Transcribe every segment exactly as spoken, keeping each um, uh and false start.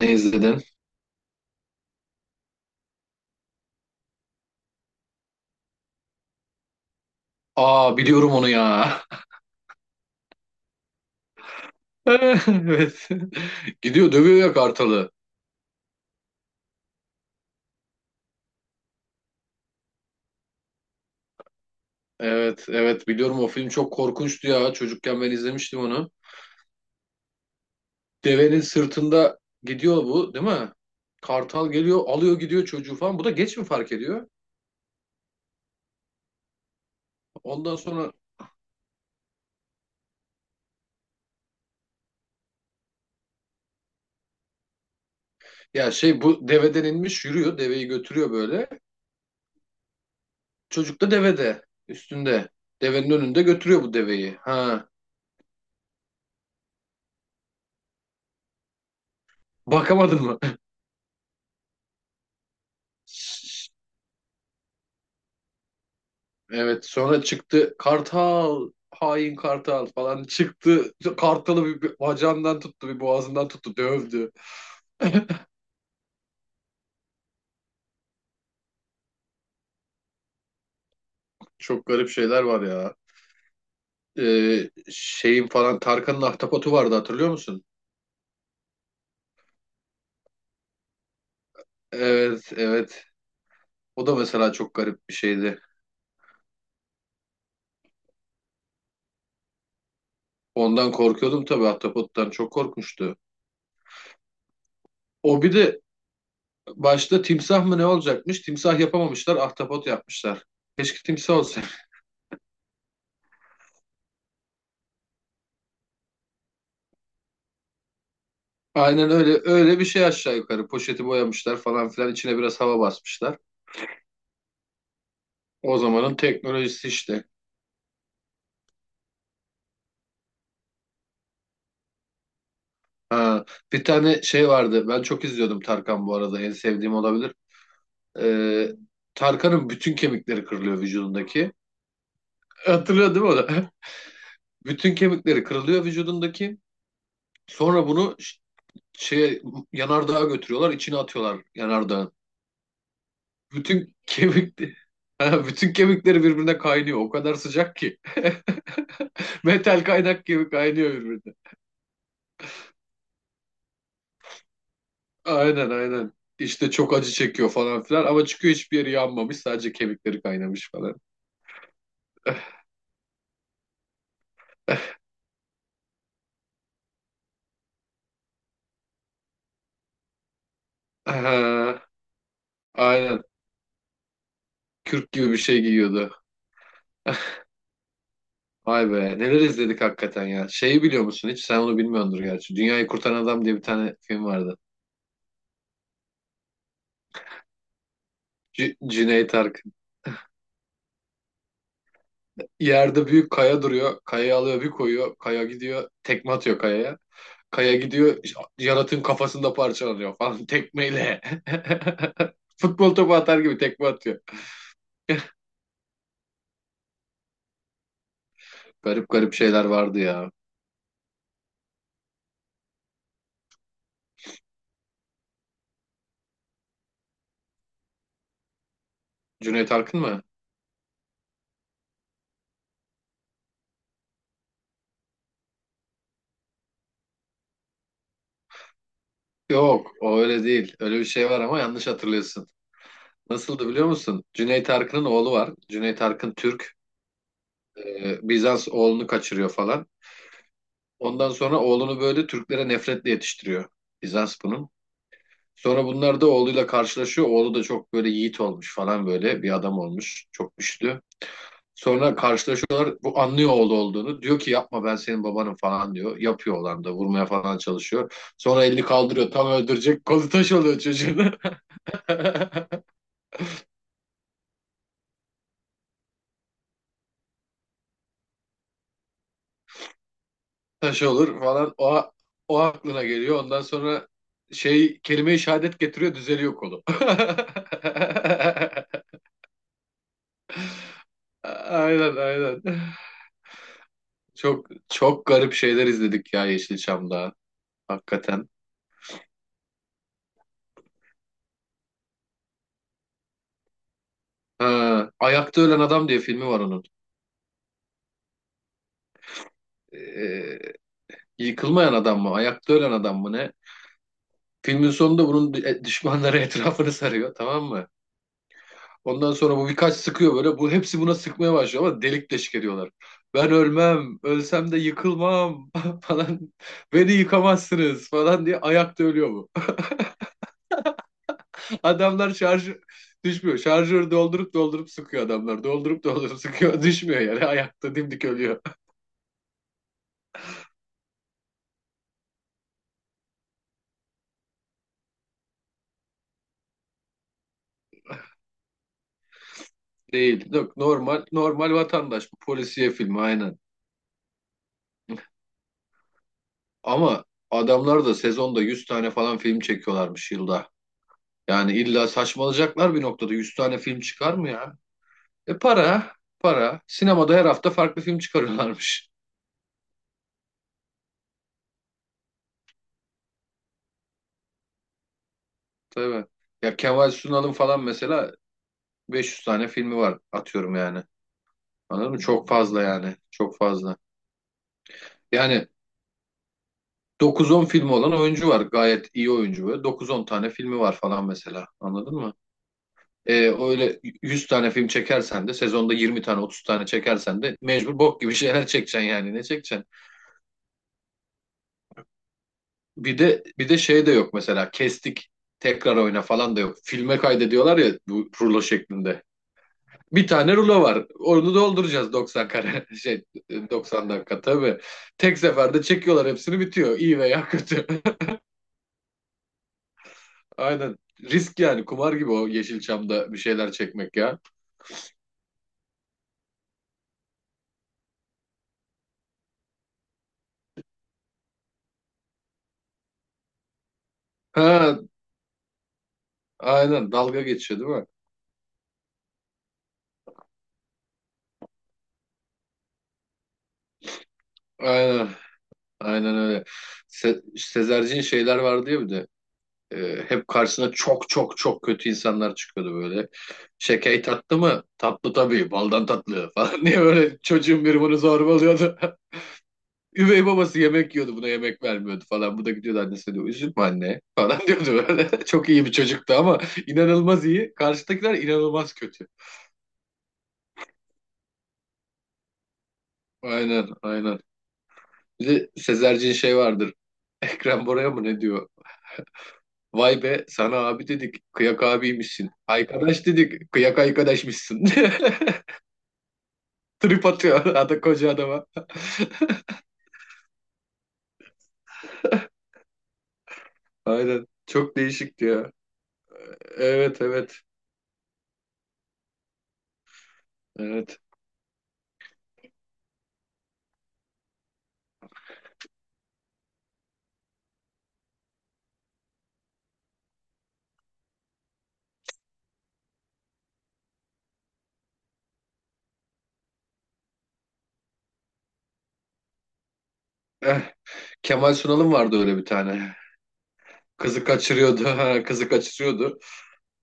Ne izledin? Aa biliyorum onu ya. Evet. Gidiyor dövüyor ya kartalı. Evet, evet, biliyorum o film çok korkunçtu ya. Çocukken ben izlemiştim onu. Devenin sırtında gidiyor bu değil mi? Kartal geliyor alıyor gidiyor çocuğu falan. Bu da geç mi fark ediyor? Ondan sonra ya şey bu deveden inmiş yürüyor. Deveyi götürüyor böyle. Çocuk da devede üstünde. Devenin önünde götürüyor bu deveyi. Ha, bakamadın mı? Evet, sonra çıktı Kartal hain Kartal falan çıktı. Kartalı bir, bir bacağından tuttu bir boğazından tuttu dövdü. Çok garip şeyler var ya. Ee, şeyin falan Tarkan'ın ahtapotu vardı hatırlıyor musun? Evet, evet, o da mesela çok garip bir şeydi. Ondan korkuyordum tabii ahtapottan çok korkmuştu. O bir de başta timsah mı ne olacakmış? Timsah yapamamışlar ahtapot yapmışlar. Keşke timsah olsa. Aynen öyle öyle bir şey aşağı yukarı. Poşeti boyamışlar falan filan içine biraz hava basmışlar. O zamanın teknolojisi işte. Ha, bir tane şey vardı. Ben çok izliyordum Tarkan bu arada. En sevdiğim olabilir. Ee, Tarkan'ın bütün kemikleri kırılıyor vücudundaki. Hatırlıyor değil mi onu? Bütün kemikleri kırılıyor vücudundaki. Sonra bunu ş- şeye yanardağa götürüyorlar. İçine atıyorlar yanardağın. Bütün kemik Ha, bütün kemikleri birbirine kaynıyor. O kadar sıcak ki. Metal kaynak gibi kaynıyor birbirine. Aynen, aynen. İşte çok acı çekiyor falan filan ama çıkıyor hiçbir yeri yanmamış sadece kemikleri kaynamış falan. Aha, aynen. Kürk gibi bir şey giyiyordu. Vay be neler izledik hakikaten ya. Şeyi biliyor musun hiç? Sen onu bilmiyordur gerçi. Dünyayı Kurtaran Adam diye bir tane film vardı. C Cüneyt Arkın. Yerde büyük kaya duruyor. Kayayı alıyor bir koyuyor. Kaya gidiyor. Tekme atıyor kayaya. Kaya gidiyor, Jonathan kafasını da parçalıyor falan tekmeyle. Futbol topu atar gibi tekme atıyor. Garip garip şeyler vardı ya. Cüneyt Arkın mı? Yok, o öyle değil. Öyle bir şey var ama yanlış hatırlıyorsun. Nasıldı biliyor musun? Cüneyt Arkın'ın oğlu var. Cüneyt Arkın Türk. Ee, Bizans oğlunu kaçırıyor falan. Ondan sonra oğlunu böyle Türklere nefretle yetiştiriyor. Bizans bunun. Sonra bunlar da oğluyla karşılaşıyor. Oğlu da çok böyle yiğit olmuş falan böyle bir adam olmuş. Çok güçlü. Sonra karşılaşıyorlar. Bu anlıyor oğlu olduğunu. Diyor ki yapma ben senin babanım falan diyor. Yapıyor olan da vurmaya falan çalışıyor. Sonra elini kaldırıyor tam öldürecek. Kolu taş oluyor çocuğun. Taş olur falan. O, o aklına geliyor. Ondan sonra şey kelime-i şehadet getiriyor düzeliyor kolu. Aynen, aynen. Çok çok garip şeyler izledik ya Yeşilçam'da. Hakikaten. Ha, Ayakta Ölen Adam diye filmi var onun. Ee, Yıkılmayan adam mı? Ayakta ölen adam mı ne? Filmin sonunda bunun d- düşmanları etrafını sarıyor, tamam mı? Ondan sonra bu birkaç sıkıyor böyle. Bu hepsi buna sıkmaya başlıyor ama delik deşik ediyorlar. Ben ölmem, ölsem de yıkılmam falan. Beni yıkamazsınız falan diye ayakta ölüyor bu. Adamlar şarj düşmüyor. Şarjörü doldurup doldurup sıkıyor adamlar. Doldurup doldurup sıkıyor. Düşmüyor yani ayakta dimdik ölüyor. Değil. Yok, normal normal vatandaş bu polisiye filmi aynen. Ama adamlar da sezonda yüz tane falan film çekiyorlarmış yılda. Yani illa saçmalayacaklar bir noktada. Yüz tane film çıkar mı ya? E, para, para. Sinemada her hafta farklı film çıkarıyorlarmış. Tabii. Ya Kemal Sunal'ın falan mesela beş yüz tane filmi var atıyorum yani. Anladın mı? Çok fazla yani. Çok fazla. Yani dokuz on filmi olan oyuncu var. Gayet iyi oyuncu böyle. Dokuz on tane filmi var falan mesela. Anladın mı? Ee, öyle yüz tane film çekersen de sezonda yirmi tane otuz tane çekersen de mecbur bok gibi şeyler çekeceksin yani ne çekeceksin? Bir de bir de şey de yok mesela kestik tekrar oyna falan da yok. Filme kaydediyorlar ya bu rulo şeklinde. Bir tane rulo var. Onu dolduracağız doksan kare şey doksan dakika tabii. Tek seferde çekiyorlar hepsini bitiyor. İyi veya kötü. Aynen. Risk yani kumar gibi o Yeşilçam'da bir şeyler çekmek ya. Ha, aynen dalga geçiyor değil mi? Aynen. Aynen öyle. Se Sezerci'nin şeyler vardı ya bir de. Ee, hep karşısına çok çok çok kötü insanlar çıkıyordu böyle. Şeker tatlı mı? Tatlı tabii. Baldan tatlı falan diye böyle çocuğun biri bunu zorbalıyordu. Üvey babası yemek yiyordu buna yemek vermiyordu falan. Bu da gidiyordu annesine diyor üzülme anne falan diyordu böyle. Çok iyi bir çocuktu ama inanılmaz iyi. Karşıdakiler inanılmaz kötü. Aynen, aynen. Bir de Sezerci'nin şey vardır. Ekrem Bora'ya mı ne diyor? Vay be sana abi dedik kıyak abiymişsin. Arkadaş dedik kıyak arkadaşmışsın. Trip atıyor adam koca adama. Aynen. Çok değişikti ya. Evet, evet. Evet. Eh, Kemal Sunal'ın vardı öyle bir tane. Kızı kaçırıyordu. Ha, kızı kaçırıyordu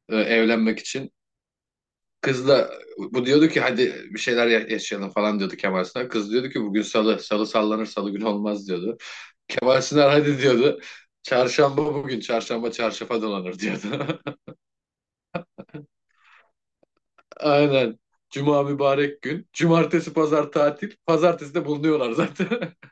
e, evlenmek için. Kızla bu diyordu ki hadi bir şeyler ya- yaşayalım falan diyordu Kemal Sunal. Kız diyordu ki bugün salı. Salı sallanır salı günü olmaz diyordu. Kemal Sunal hadi diyordu. Çarşamba bugün, çarşamba çarşafa dolanır diyordu. Aynen. Cuma mübarek gün. Cumartesi pazar tatil. Pazartesi de bulunuyorlar zaten.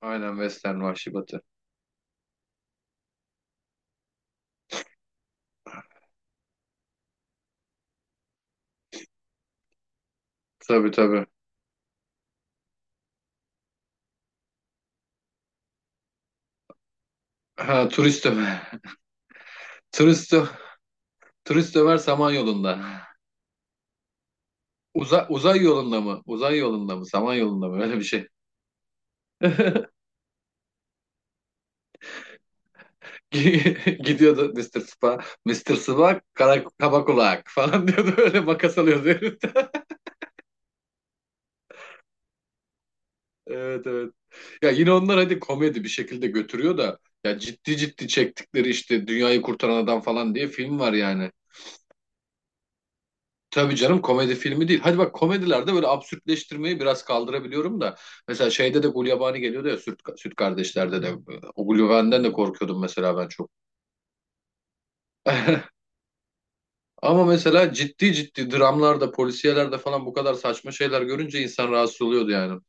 Aynen Western Vahşi Batı. Tabii, tabii. Ha, Turist Ömer. Turist, Ö- turist Ömer Samanyolu'nda. Uza, uzay yolunda mı? Uzay yolunda mı? Samanyolu'nda mı? Öyle bir şey. Gi- Gidiyordu Mister Spa. Mister Spa kara kaba kulak falan diyordu. Öyle makas alıyordu heriften. Evet, evet. Ya yine onlar hadi komedi bir şekilde götürüyor da ya ciddi ciddi çektikleri işte Dünyayı Kurtaran Adam falan diye film var yani. Tabii canım komedi filmi değil. Hadi bak komedilerde böyle absürtleştirmeyi biraz kaldırabiliyorum da. Mesela şeyde de Gulyabani geliyordu ya Süt, Süt Kardeşler'de de. O Gulyabani'den de korkuyordum mesela ben çok. Ama mesela ciddi ciddi dramlarda, polisiyelerde falan bu kadar saçma şeyler görünce insan rahatsız oluyordu yani.